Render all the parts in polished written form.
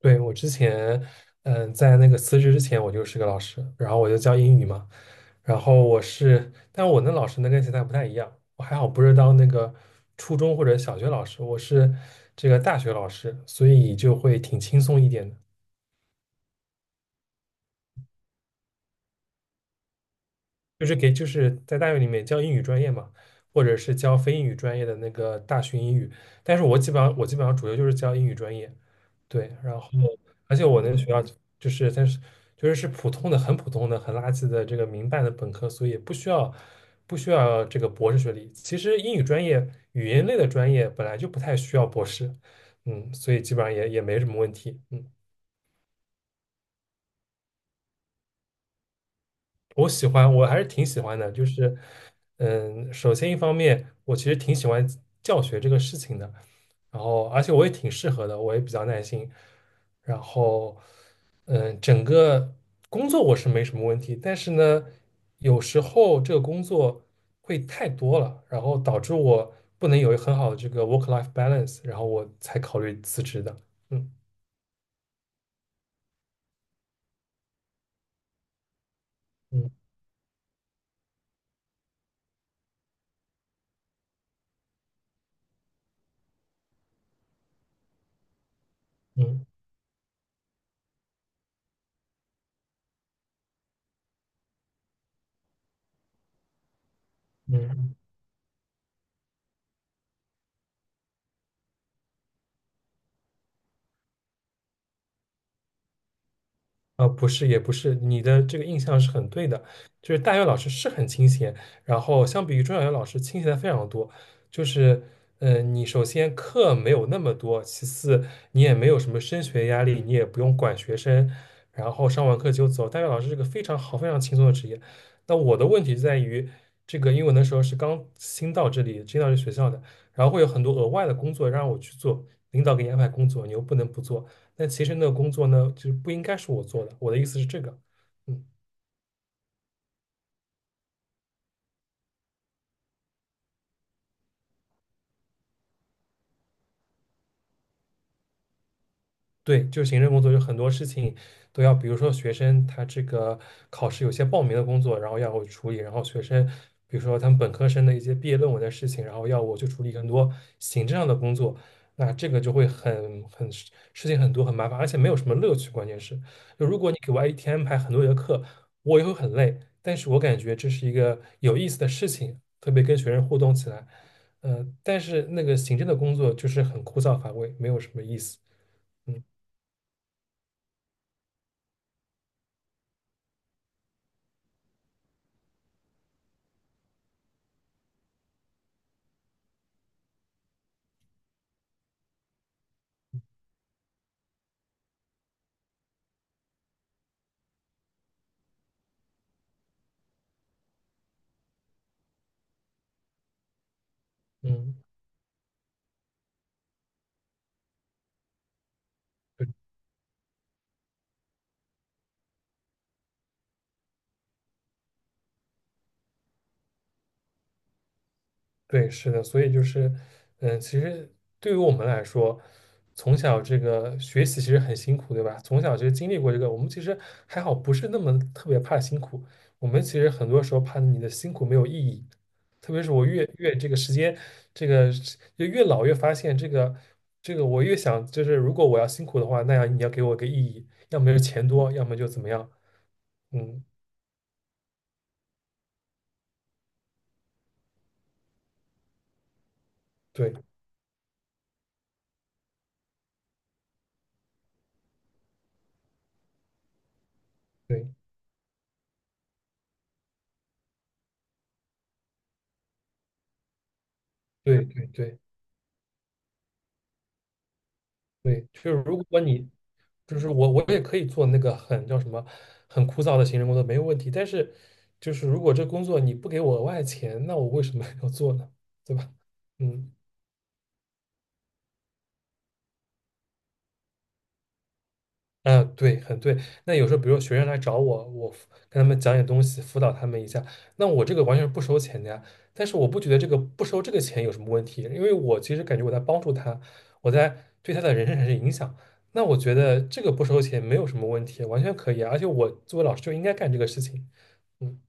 对，我之前，在那个辞职之前，我就是个老师，然后我就教英语嘛。然后我是，但我那老师呢跟现在不太一样，我还好不是当那个初中或者小学老师，我是这个大学老师，所以就会挺轻松一点的。就是给就是在大学里面教英语专业嘛，或者是教非英语专业的那个大学英语，但是我基本上主要就是教英语专业，对，然后而且我那个学校就是但是就是是普通的很普通的很垃圾的这个民办的本科，所以不需要这个博士学历。其实英语专业语言类的专业本来就不太需要博士，所以基本上也没什么问题。我喜欢，我还是挺喜欢的。首先一方面，我其实挺喜欢教学这个事情的，然后而且我也挺适合的，我也比较耐心。然后，整个工作我是没什么问题，但是呢，有时候这个工作会太多了，然后导致我不能有一个很好的这个 work-life balance，然后我才考虑辞职的。嗯嗯嗯嗯。嗯。啊,不是，也不是，你的这个印象是很对的，就是大学老师是很清闲，然后相比于中小学老师清闲的非常多，就是，你首先课没有那么多，其次你也没有什么升学压力，你也不用管学生，然后上完课就走。大学老师是个非常好、非常轻松的职业。那我的问题就在于，这个因为我那时候是刚新到这里，新到这学校的，然后会有很多额外的工作让我去做，领导给你安排工作，你又不能不做。那其实那个工作呢，就是不应该是我做的。我的意思是这个，嗯。对，就是行政工作，有很多事情都要，比如说学生他这个考试有些报名的工作，然后要我处理，然后学生，比如说他们本科生的一些毕业论文的事情，然后要我去处理很多行政上的工作，那这个就会很事情很多，很麻烦，而且没有什么乐趣。关键是，就如果你给我一天安排很多节课，我也会很累，但是我感觉这是一个有意思的事情，特别跟学生互动起来，但是那个行政的工作就是很枯燥乏味，没有什么意思。嗯。对，是的，所以其实对于我们来说，从小这个学习其实很辛苦，对吧？从小就经历过这个，我们其实还好，不是那么特别怕辛苦。我们其实很多时候怕你的辛苦没有意义，特别是我越这个时间，这个是就越老越发现这个，我越想就是，如果我要辛苦的话，那样你要给我个意义，要么就是钱多，要么就怎么样。嗯，对对对对对。对，就是如果你，就是我也可以做那个很叫什么，很枯燥的行政工作，没有问题。但是，就是如果这工作你不给我额外钱，那我为什么 要做呢？对吧？嗯。嗯，对，很对。那有时候，比如说学生来找我，我跟他们讲点东西，辅导他们一下，那我这个完全是不收钱的呀。但是我不觉得这个不收这个钱有什么问题，因为我其实感觉我在帮助他，我在对他的人生产生影响。那我觉得这个不收钱没有什么问题，完全可以啊。而且我作为老师就应该干这个事情。嗯。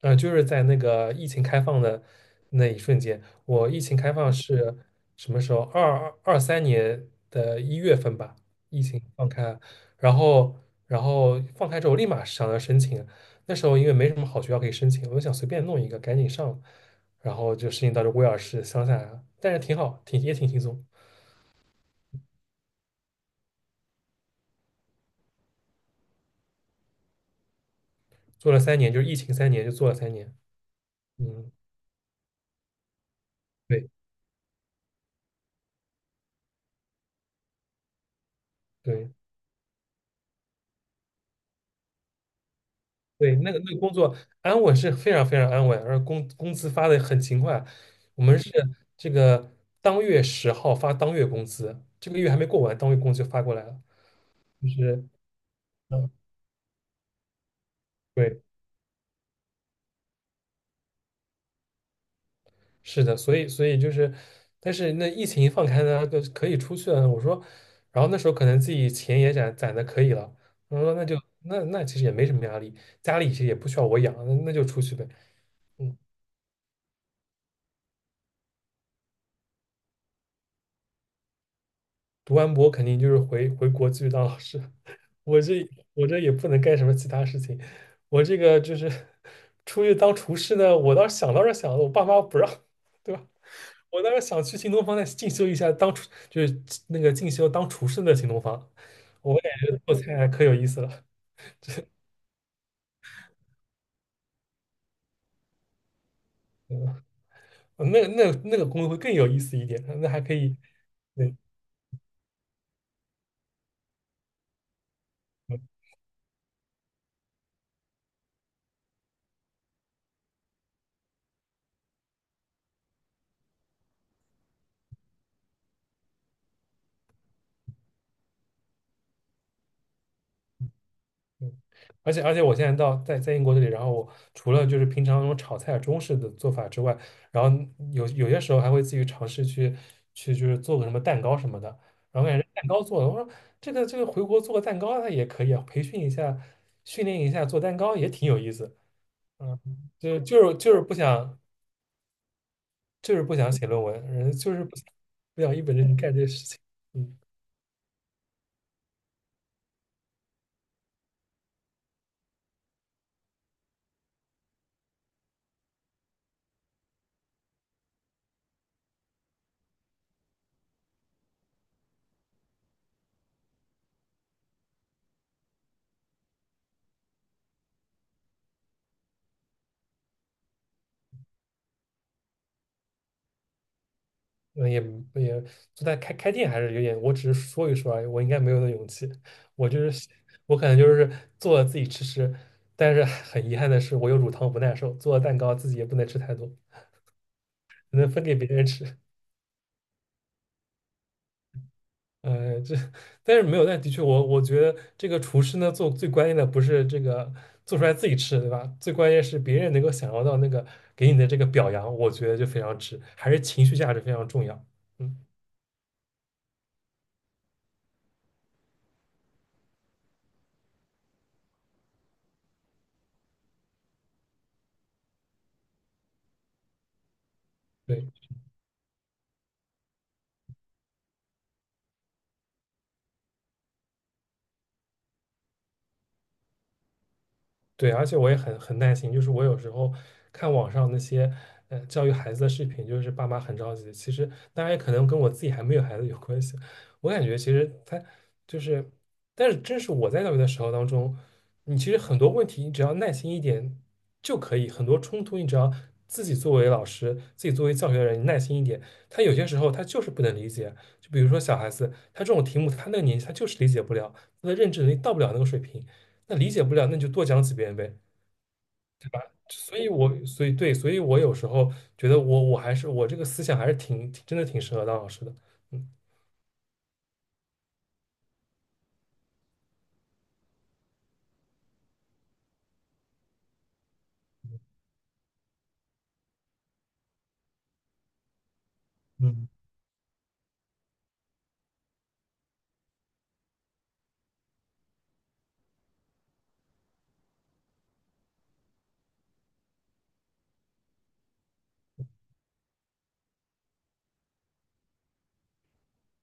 就是在那个疫情开放的那一瞬间，我疫情开放是什么时候？2023年的一月份吧，疫情放开，然后然后放开之后立马想要申请，那时候因为没什么好学校可以申请，我就想随便弄一个赶紧上，然后就申请到了威尔士乡下，来了，但是挺好，挺也挺轻松，做了三年，就是疫情三年就做了三年，嗯，对对。对，那个工作安稳是非常非常安稳，而工资发的很勤快。我们是这个当月10号发当月工资，这个月还没过完，当月工资就发过来了。就是，嗯，对，是的，所以但是那疫情一放开呢，就可以出去了。我说，然后那时候可能自己钱也攒的可以了，我说那就那那其实也没什么压力，家里其实也不需要我养，那就出去呗。嗯，读完博肯定就是回国继续当老师。我这我这也不能干什么其他事情，我这个就是出去当厨师呢，我倒是想了，我爸妈不让，对吧？我当时想去新东方再进修一下当厨，就是那个进修当厨师的新东方，我感觉做菜还可有意思了，嗯，那个工作会更有意思一点，那还可以，对，嗯嗯，而且我现在在英国这里，然后我除了就是平常那种炒菜中式的做法之外，然后有些时候还会自己尝试去做个什么蛋糕什么的，然后感觉蛋糕做的，我说这个回国做个蛋糕它也可以啊，培训一下，训练一下做蛋糕也挺有意思，嗯，就就是就是不想不想写论文，人就是不想一本正经干这些事情，嗯。嗯，也就在开店还是有点，我只是说一说而已，我应该没有那勇气。我就是我可能就是做了自己吃吃，但是很遗憾的是，我有乳糖不耐受，做了蛋糕自己也不能吃太多，只能分给别人吃。呃，这但是没有，但的确我觉得这个厨师呢，做最关键的不是这个做出来自己吃，对吧？最关键是别人能够享受到那个给你的这个表扬，我觉得就非常值，还是情绪价值非常重要。嗯，对。对，而且我也很耐心，就是我有时候看网上那些教育孩子的视频，就是爸妈很着急。其实当然也可能跟我自己还没有孩子有关系。我感觉其实他就是，但是真是我在教育的时候当中，你其实很多问题你只要耐心一点就可以，很多冲突你只要自己作为老师，自己作为教学的人，你耐心一点，他有些时候他就是不能理解。就比如说小孩子，他这种题目，他那个年纪他就是理解不了，他的认知能力到不了那个水平。那理解不了，那你就多讲几遍呗。所以对，所以我有时候觉得我还是我这个思想还是挺真的挺适合当老师的。嗯嗯，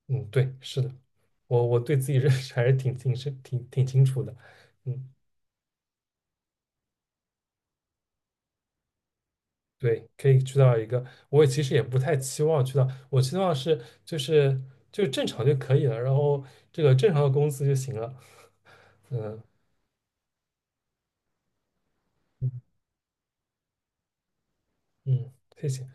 嗯，对，是的，我对自己认识还是挺深，挺清楚的。嗯，对，可以去到一个，我其实也不太期望去到，我希望是就正常就可以了，然后这个正常的工资就行了。嗯嗯嗯，谢谢。